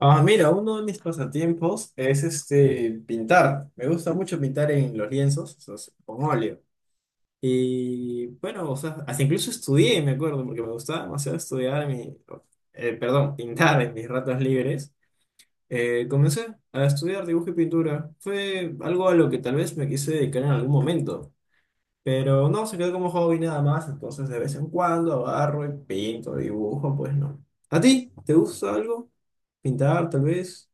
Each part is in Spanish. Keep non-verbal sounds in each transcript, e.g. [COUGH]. Ah, mira, uno de mis pasatiempos es este pintar. Me gusta mucho pintar en los lienzos, o sea, con óleo. Y bueno, o sea, hasta incluso estudié, me acuerdo, porque me gustaba demasiado estudiar, en mi, perdón, [LAUGHS] pintar en mis ratos libres. Comencé a estudiar dibujo y pintura. Fue algo a lo que tal vez me quise dedicar en algún momento, pero no, se quedó como hobby nada más. Entonces, de vez en cuando agarro y pinto, dibujo, pues no. ¿A ti? ¿Te gusta algo? ¿Pintar, tal vez?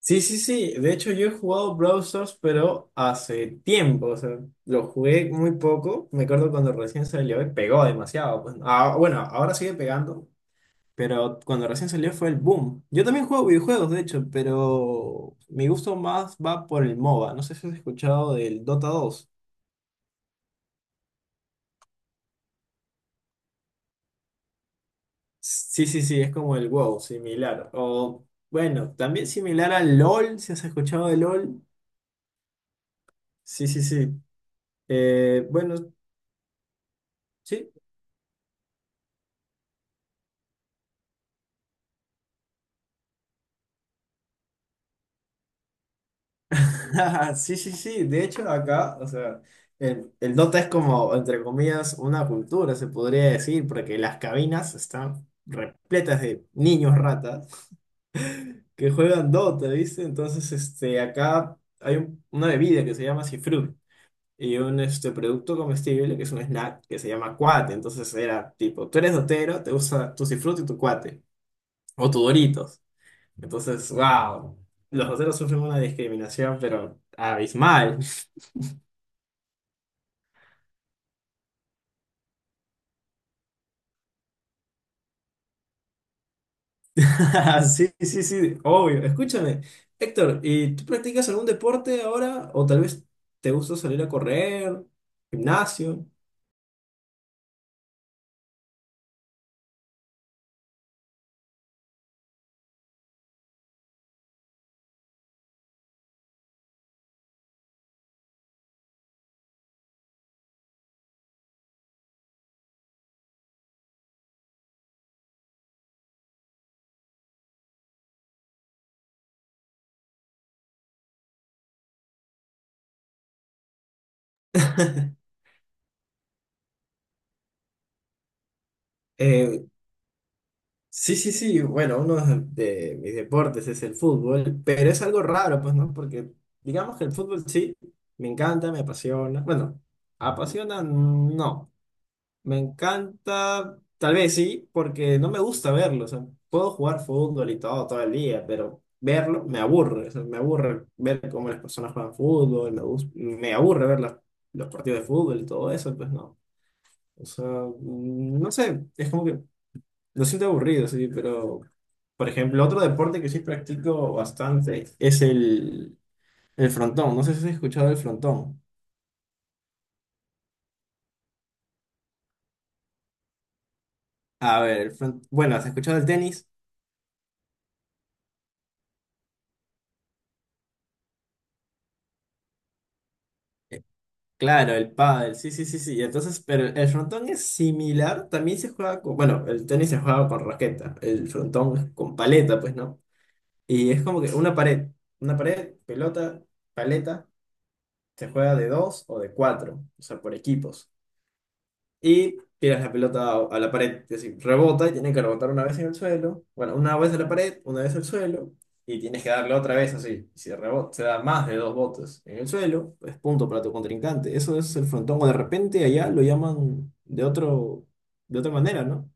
Sí, sí, sí. De hecho, yo he jugado Brawl Stars, pero hace tiempo. O sea, lo jugué muy poco. Me acuerdo cuando recién salió y pegó demasiado, pues. Ah, bueno, ahora sigue pegando, pero cuando recién salió fue el boom. Yo también juego videojuegos, de hecho, pero mi gusto más va por el MOBA. No sé si has escuchado del Dota dos. Sí, sí, sí, es como el WoW, similar. O bueno, también similar al LOL, si has escuchado de LOL. Sí, sí, sí. Bueno, sí. [LAUGHS] Sí, sí, sí. De hecho, acá, o sea, el Dota es como, entre comillas, una cultura, se podría decir, porque las cabinas están repletas de niños ratas que juegan Dota, ¿viste? Entonces, este, acá hay una bebida que se llama Cifrut y un este, producto comestible que es un snack que se llama cuate. Entonces, era tipo, tú eres dotero, te gusta tu Cifrut y tu cuate, o tu Doritos. Entonces, wow, los doteros sufren una discriminación, pero abismal. [LAUGHS] Sí, sí, sí, obvio. Escúchame, Héctor, ¿y tú practicas algún deporte ahora? ¿O tal vez te gusta salir a correr, gimnasio? [LAUGHS] Eh, sí, sí, sí, bueno, uno de mis deportes es el fútbol, pero es algo raro, pues, ¿no? Porque digamos que el fútbol sí, me encanta, me apasiona. Bueno, apasiona, no. Me encanta, tal vez sí, porque no me gusta verlo. O sea, puedo jugar fútbol y todo el día, pero verlo me aburre. O sea, me aburre ver cómo las personas juegan fútbol, me aburre ver los partidos de fútbol y todo eso, pues no. O sea, no sé, es como que lo siento aburrido, sí, pero, por ejemplo, otro deporte que sí practico bastante es el frontón. No sé si has escuchado el frontón. A ver, bueno, ¿has escuchado el tenis? Claro, el pádel, sí, sí, sí, sí. Entonces, pero el frontón es similar, también se juega con, bueno, el tenis se juega con raqueta, el frontón es con paleta, pues, ¿no? Y es como que una pared, pelota, paleta, se juega de dos o de cuatro, o sea, por equipos y tiras la pelota a la pared. Es decir, rebota y tiene que rebotar una vez en el suelo. Bueno, una vez a la pared, una vez al suelo. Y tienes que darle otra vez así. Si rebota, se da más de dos botes en el suelo, es punto para tu contrincante. Eso es el frontón. O de repente allá lo llaman de otro, de otra manera, ¿no?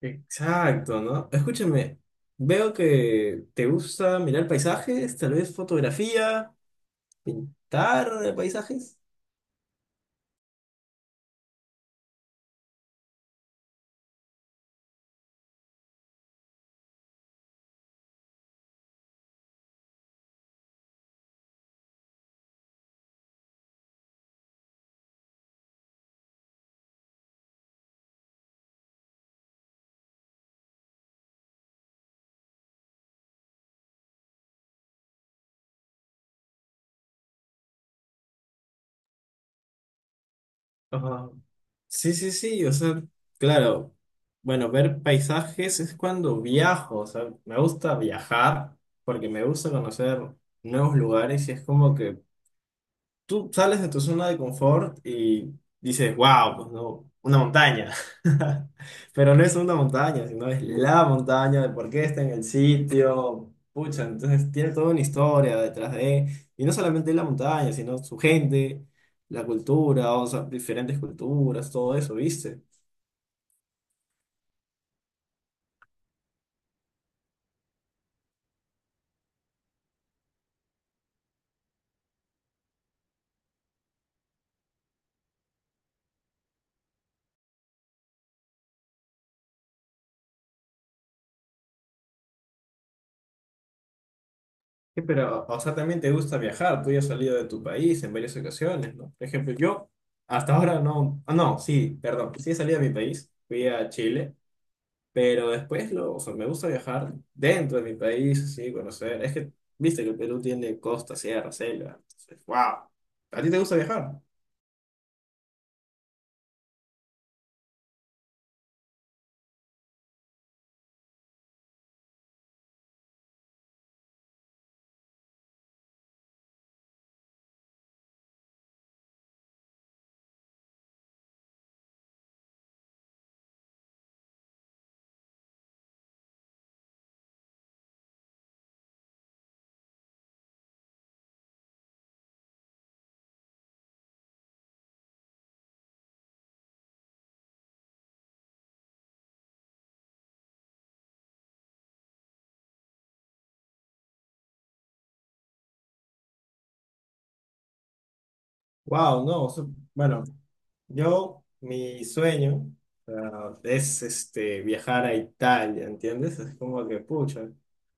Exacto, ¿no? Escúchame, veo que te gusta mirar paisajes, tal vez fotografía, pintar paisajes. Ajá. Sí, sí, sí, o sea, claro, bueno, ver paisajes es cuando viajo, o sea, me gusta viajar porque me gusta conocer nuevos lugares y es como que tú sales de tu zona de confort y dices, wow, pues no, una montaña, [LAUGHS] pero no es una montaña, sino es la montaña, de por qué está en el sitio, pucha, entonces tiene toda una historia detrás de, y no solamente la montaña, sino su gente, la cultura, o sea, diferentes culturas, todo eso, ¿viste? Sí, pero, o sea, también te gusta viajar, tú ya has salido de tu país en varias ocasiones, ¿no? Por ejemplo, yo hasta ahora no, ah, no, sí, perdón, sí he salido de mi país, fui a Chile, pero después, o sea, me gusta viajar dentro de mi país, así, conocer, es que, viste que el Perú tiene costa, sierra, selva, entonces, wow, ¿a ti te gusta viajar? Wow, no, bueno, yo, mi sueño, ah, es este, viajar a Italia, ¿entiendes? Es como que, pucha,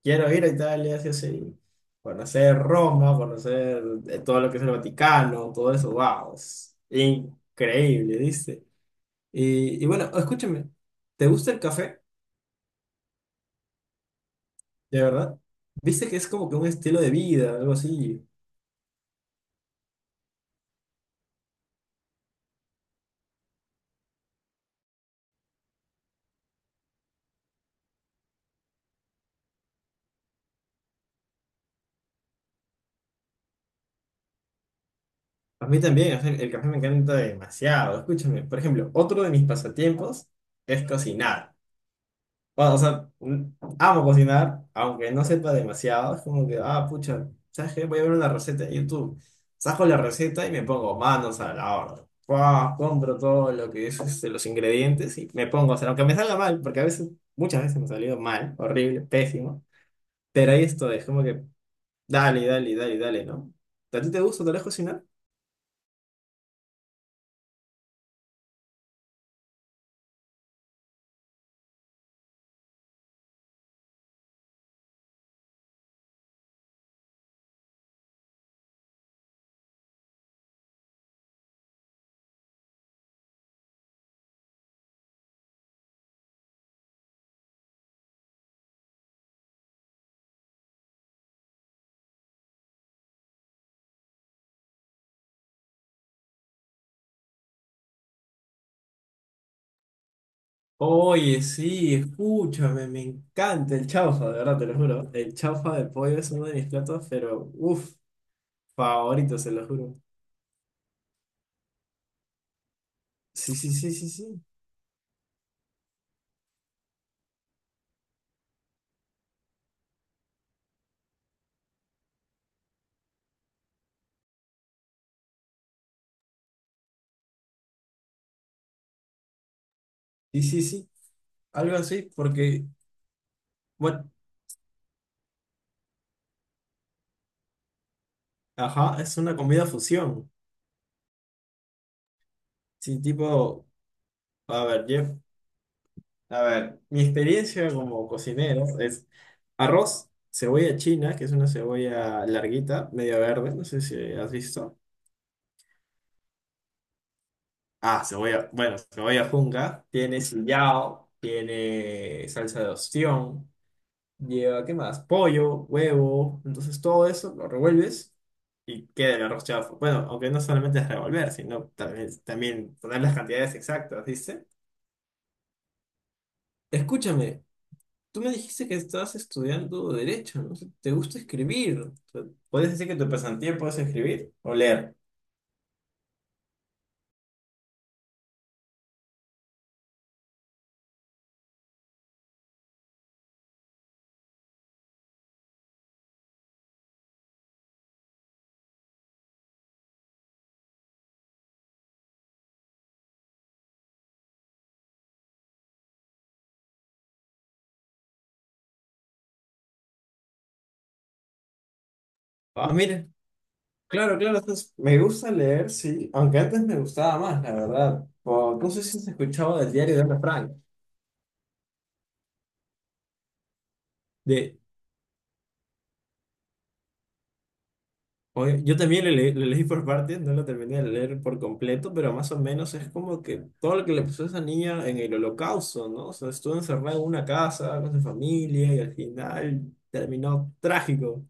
quiero ir a Italia, sí, o sí, conocer Roma, conocer todo lo que es el Vaticano, todo eso, wow, es increíble, ¿viste? Y bueno, escúchame, ¿te gusta el café? De verdad, ¿viste que es como que un estilo de vida, algo así? A mí también, o sea, el café me encanta demasiado. Escúchame, por ejemplo, otro de mis pasatiempos es cocinar. Bueno, o sea, amo cocinar, aunque no sepa demasiado. Es como que, ah, pucha, ¿sabes qué? Voy a ver una receta de YouTube. Saco la receta y me pongo manos a la obra. Fua, compro todo lo que es este, los ingredientes y me pongo a hacer, aunque me salga mal, porque a veces, muchas veces me ha salido mal, horrible, pésimo. Pero ahí estoy, es como que, dale, dale, dale, dale, ¿no? ¿A ti te gusta tal vez cocinar? Oye, sí, escúchame, me encanta el chaufa, de verdad, te lo juro. El chaufa de pollo es uno de mis platos, pero uff, favorito, se lo juro. Sí, sí, sí, sí, sí. Sí, sí, sí. Algo así, porque, bueno, ajá, es una comida fusión. Sí, tipo, a ver, Jeff, a ver, mi experiencia como cocinero es arroz, cebolla china, que es una cebolla larguita, media verde, no sé si has visto. Ah, cebolla, bueno, cebolla junca, tiene sillao, tiene salsa de ostión, lleva, ¿qué más? Pollo, huevo, entonces todo eso lo revuelves y queda el arroz chaufa. Bueno, aunque no solamente es revolver, sino también, también poner las cantidades exactas, ¿viste? Escúchame, tú me dijiste que estabas estudiando derecho, ¿no? ¿Te gusta escribir? O sea, ¿puedes decir que tu pasatiempo es escribir o leer? Ah, mira. Claro, claro, entonces, me gusta leer, sí, aunque antes me gustaba más, la verdad. O, no sé si se escuchaba del diario de Ana Frank. De, oye, yo también lo leí por partes, no lo terminé de leer por completo, pero más o menos es como que todo lo que le pasó a esa niña en el holocausto, ¿no? O sea, estuvo encerrada en una casa con su familia y al final terminó trágico.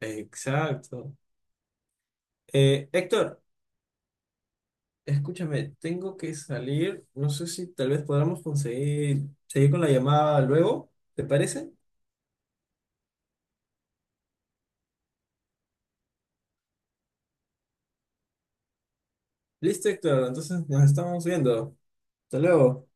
Exacto. Héctor, escúchame, tengo que salir, no sé si tal vez podamos conseguir seguir con la llamada luego. ¿Te parece? Listo, Héctor. Entonces nos estamos viendo. Hasta luego.